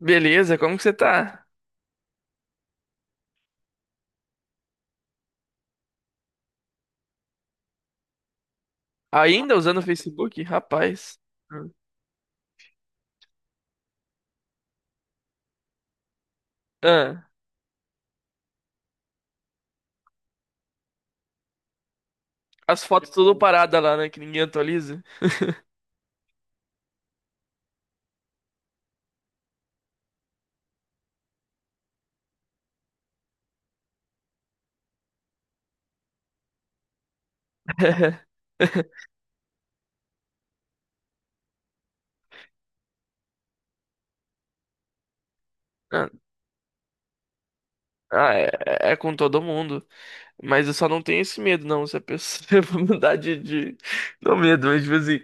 Beleza, como que você tá? Ainda usando o Facebook? Rapaz. Hum. Ah, as fotos tudo parada lá, né? Que ninguém atualiza. Ah, ah, é, é com todo mundo. Mas eu só não tenho esse medo, não. Se a pessoa eu mudar de. Não medo, mas tipo assim,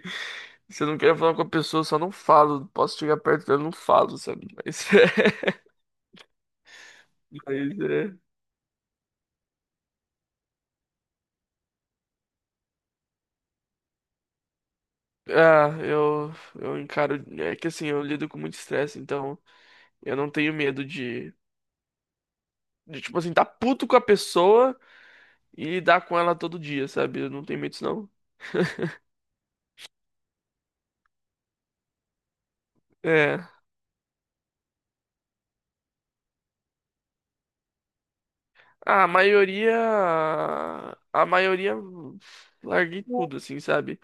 se eu não quero falar com a pessoa, eu só não falo. Posso chegar perto dela, eu não falo, sabe? Mas, mas é. Ah, eu encaro. É que assim, eu lido com muito estresse, então eu não tenho medo de. De, tipo assim, tá puto com a pessoa e lidar com ela todo dia, sabe? Eu não tenho medo disso, não. É. A maioria. A maioria. Larguei tudo, assim, sabe?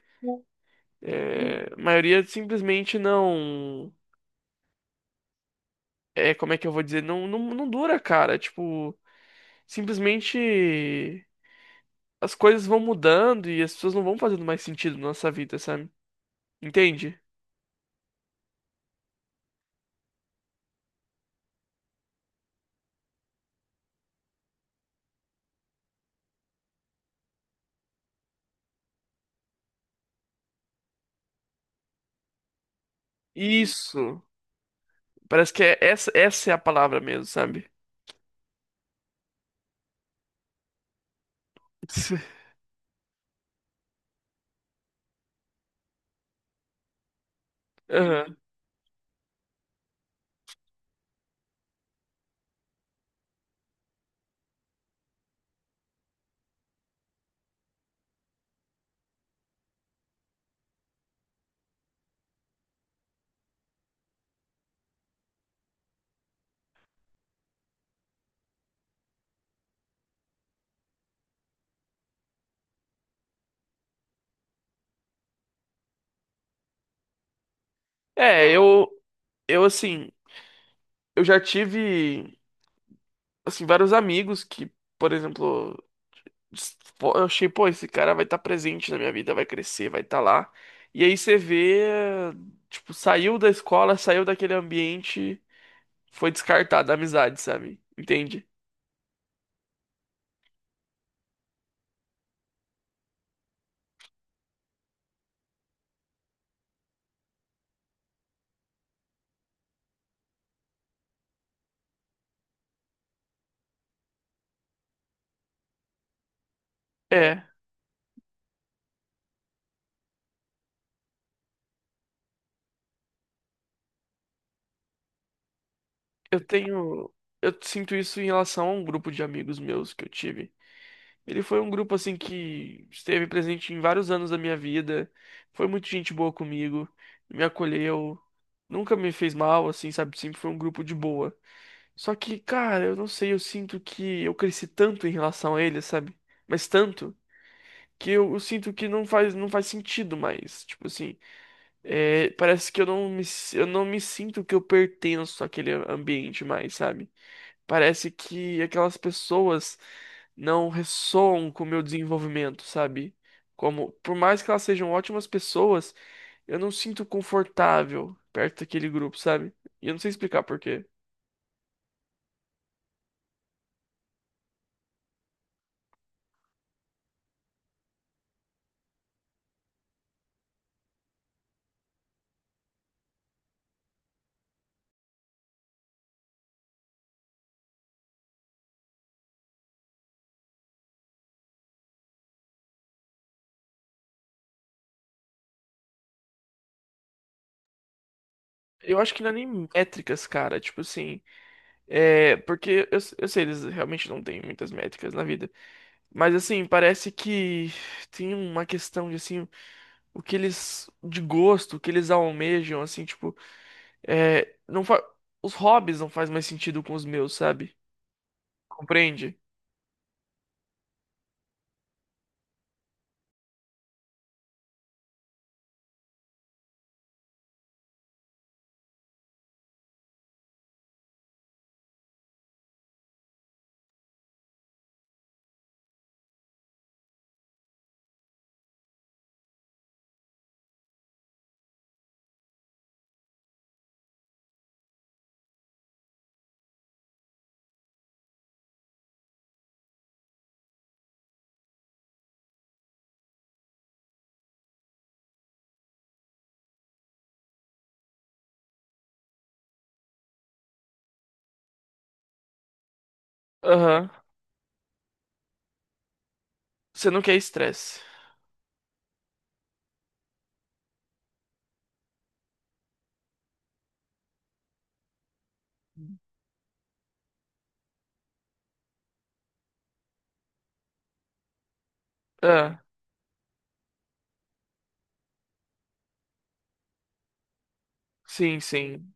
É, a maioria simplesmente não. É, como é que eu vou dizer? Não, não, não dura, cara. Tipo, simplesmente as coisas vão mudando e as pessoas não vão fazendo mais sentido na nossa vida, sabe? Entende? Isso. Parece que é essa é a palavra mesmo, sabe? Aham. É, eu assim, eu já tive, assim, vários amigos que, por exemplo, pô, eu achei, pô, esse cara vai estar presente na minha vida, vai crescer, vai estar lá. E aí você vê, tipo, saiu da escola, saiu daquele ambiente, foi descartado a amizade, sabe? Entende? É, eu tenho, eu sinto isso em relação a um grupo de amigos meus que eu tive. Ele foi um grupo assim que esteve presente em vários anos da minha vida. Foi muito gente boa comigo, me acolheu, nunca me fez mal, assim, sabe? Sempre foi um grupo de boa. Só que, cara, eu não sei, eu sinto que eu cresci tanto em relação a ele, sabe? Mas tanto que eu sinto que não faz, não faz sentido mais. Tipo assim, é, parece que eu não me, eu não me sinto que eu pertenço àquele ambiente mais, sabe? Parece que aquelas pessoas não ressoam com o meu desenvolvimento, sabe? Como, por mais que elas sejam ótimas pessoas, eu não sinto confortável perto daquele grupo, sabe? E eu não sei explicar por quê. Eu acho que não é nem métricas, cara. Tipo assim, é. Porque eu sei, eles realmente não têm muitas métricas na vida. Mas assim, parece que tem uma questão de assim, o que eles. De gosto, o que eles almejam, assim, tipo. É, não fa... Os hobbies não fazem mais sentido com os meus, sabe? Compreende? Aham. Você não quer estresse. Ah, sim, sim.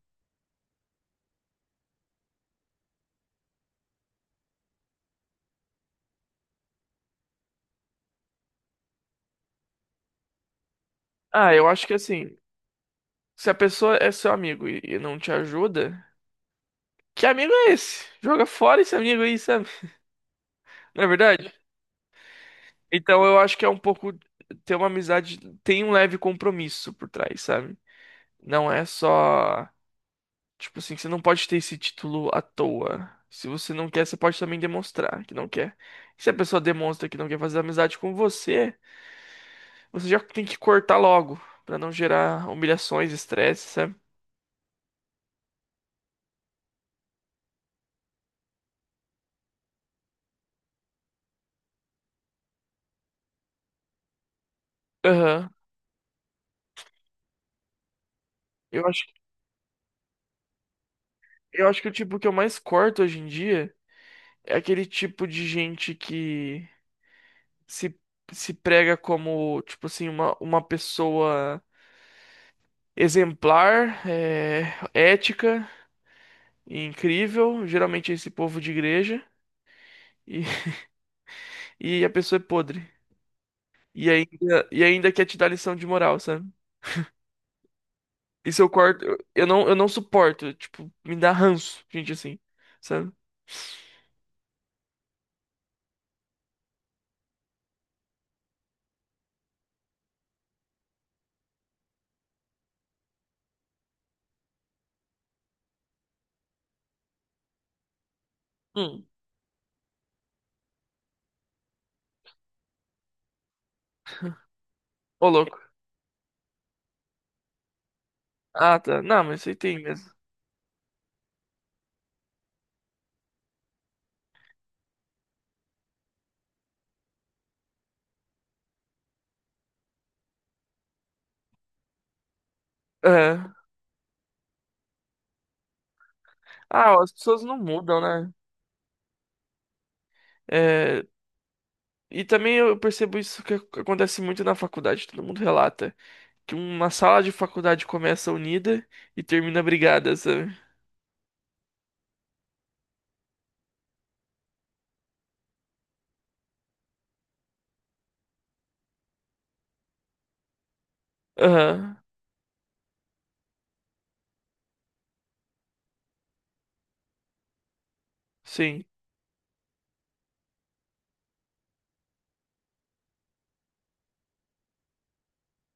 Ah, eu acho que assim, se a pessoa é seu amigo e não te ajuda, que amigo é esse? Joga fora esse amigo aí, sabe? Não é verdade? Então eu acho que é um pouco ter uma amizade, tem um leve compromisso por trás, sabe? Não é só. Tipo assim, você não pode ter esse título à toa. Se você não quer, você pode também demonstrar que não quer. Se a pessoa demonstra que não quer fazer amizade com você, você já tem que cortar logo, pra não gerar humilhações, estresse, sabe? Aham. Eu acho, eu acho que o tipo que eu mais corto hoje em dia é aquele tipo de gente que se, se prega como, tipo assim, uma pessoa exemplar, é, ética e incrível. Geralmente é esse povo de igreja. E e a pessoa é podre. E ainda quer te dar lição de moral, sabe? Isso eu quarto. Eu não, eu não suporto. Tipo, me dá ranço, gente assim, sabe? Hum. Ô, louco. Ah, tá. Não, mas isso aí tem mesmo. É. Ah, ó, as pessoas não mudam, né? É, e também eu percebo isso que acontece muito na faculdade, todo mundo relata. Que uma sala de faculdade começa unida e termina brigada, sabe? Aham, sim.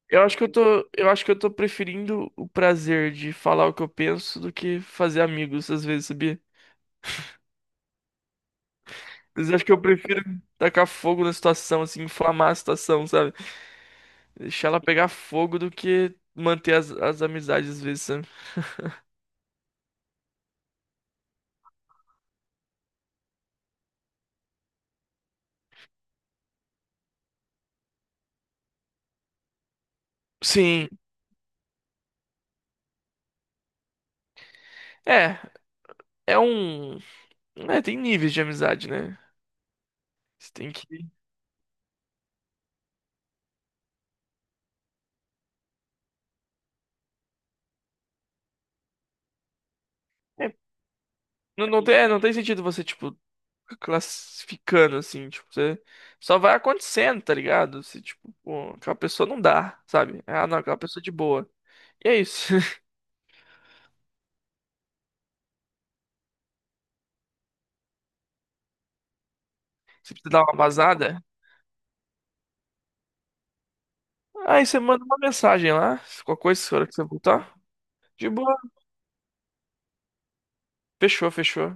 Eu acho que eu tô preferindo o prazer de falar o que eu penso do que fazer amigos às vezes, sabia? Às vezes eu acho que eu prefiro tacar fogo na situação, assim, inflamar a situação, sabe? Deixar ela pegar fogo do que manter as amizades às vezes, sabe? Sim, é, é um, é, tem níveis de amizade, né? Você tem que, é, não, não tem, é, não tem sentido você, tipo, classificando, assim, tipo, você só vai acontecendo, tá ligado? Se, tipo, pô, aquela pessoa não dá, sabe? Ah, não, aquela pessoa é de boa. E é isso. Você precisa dar uma vazada? Aí você manda uma mensagem lá, qualquer coisa, na hora que você voltar. De boa. Fechou, fechou.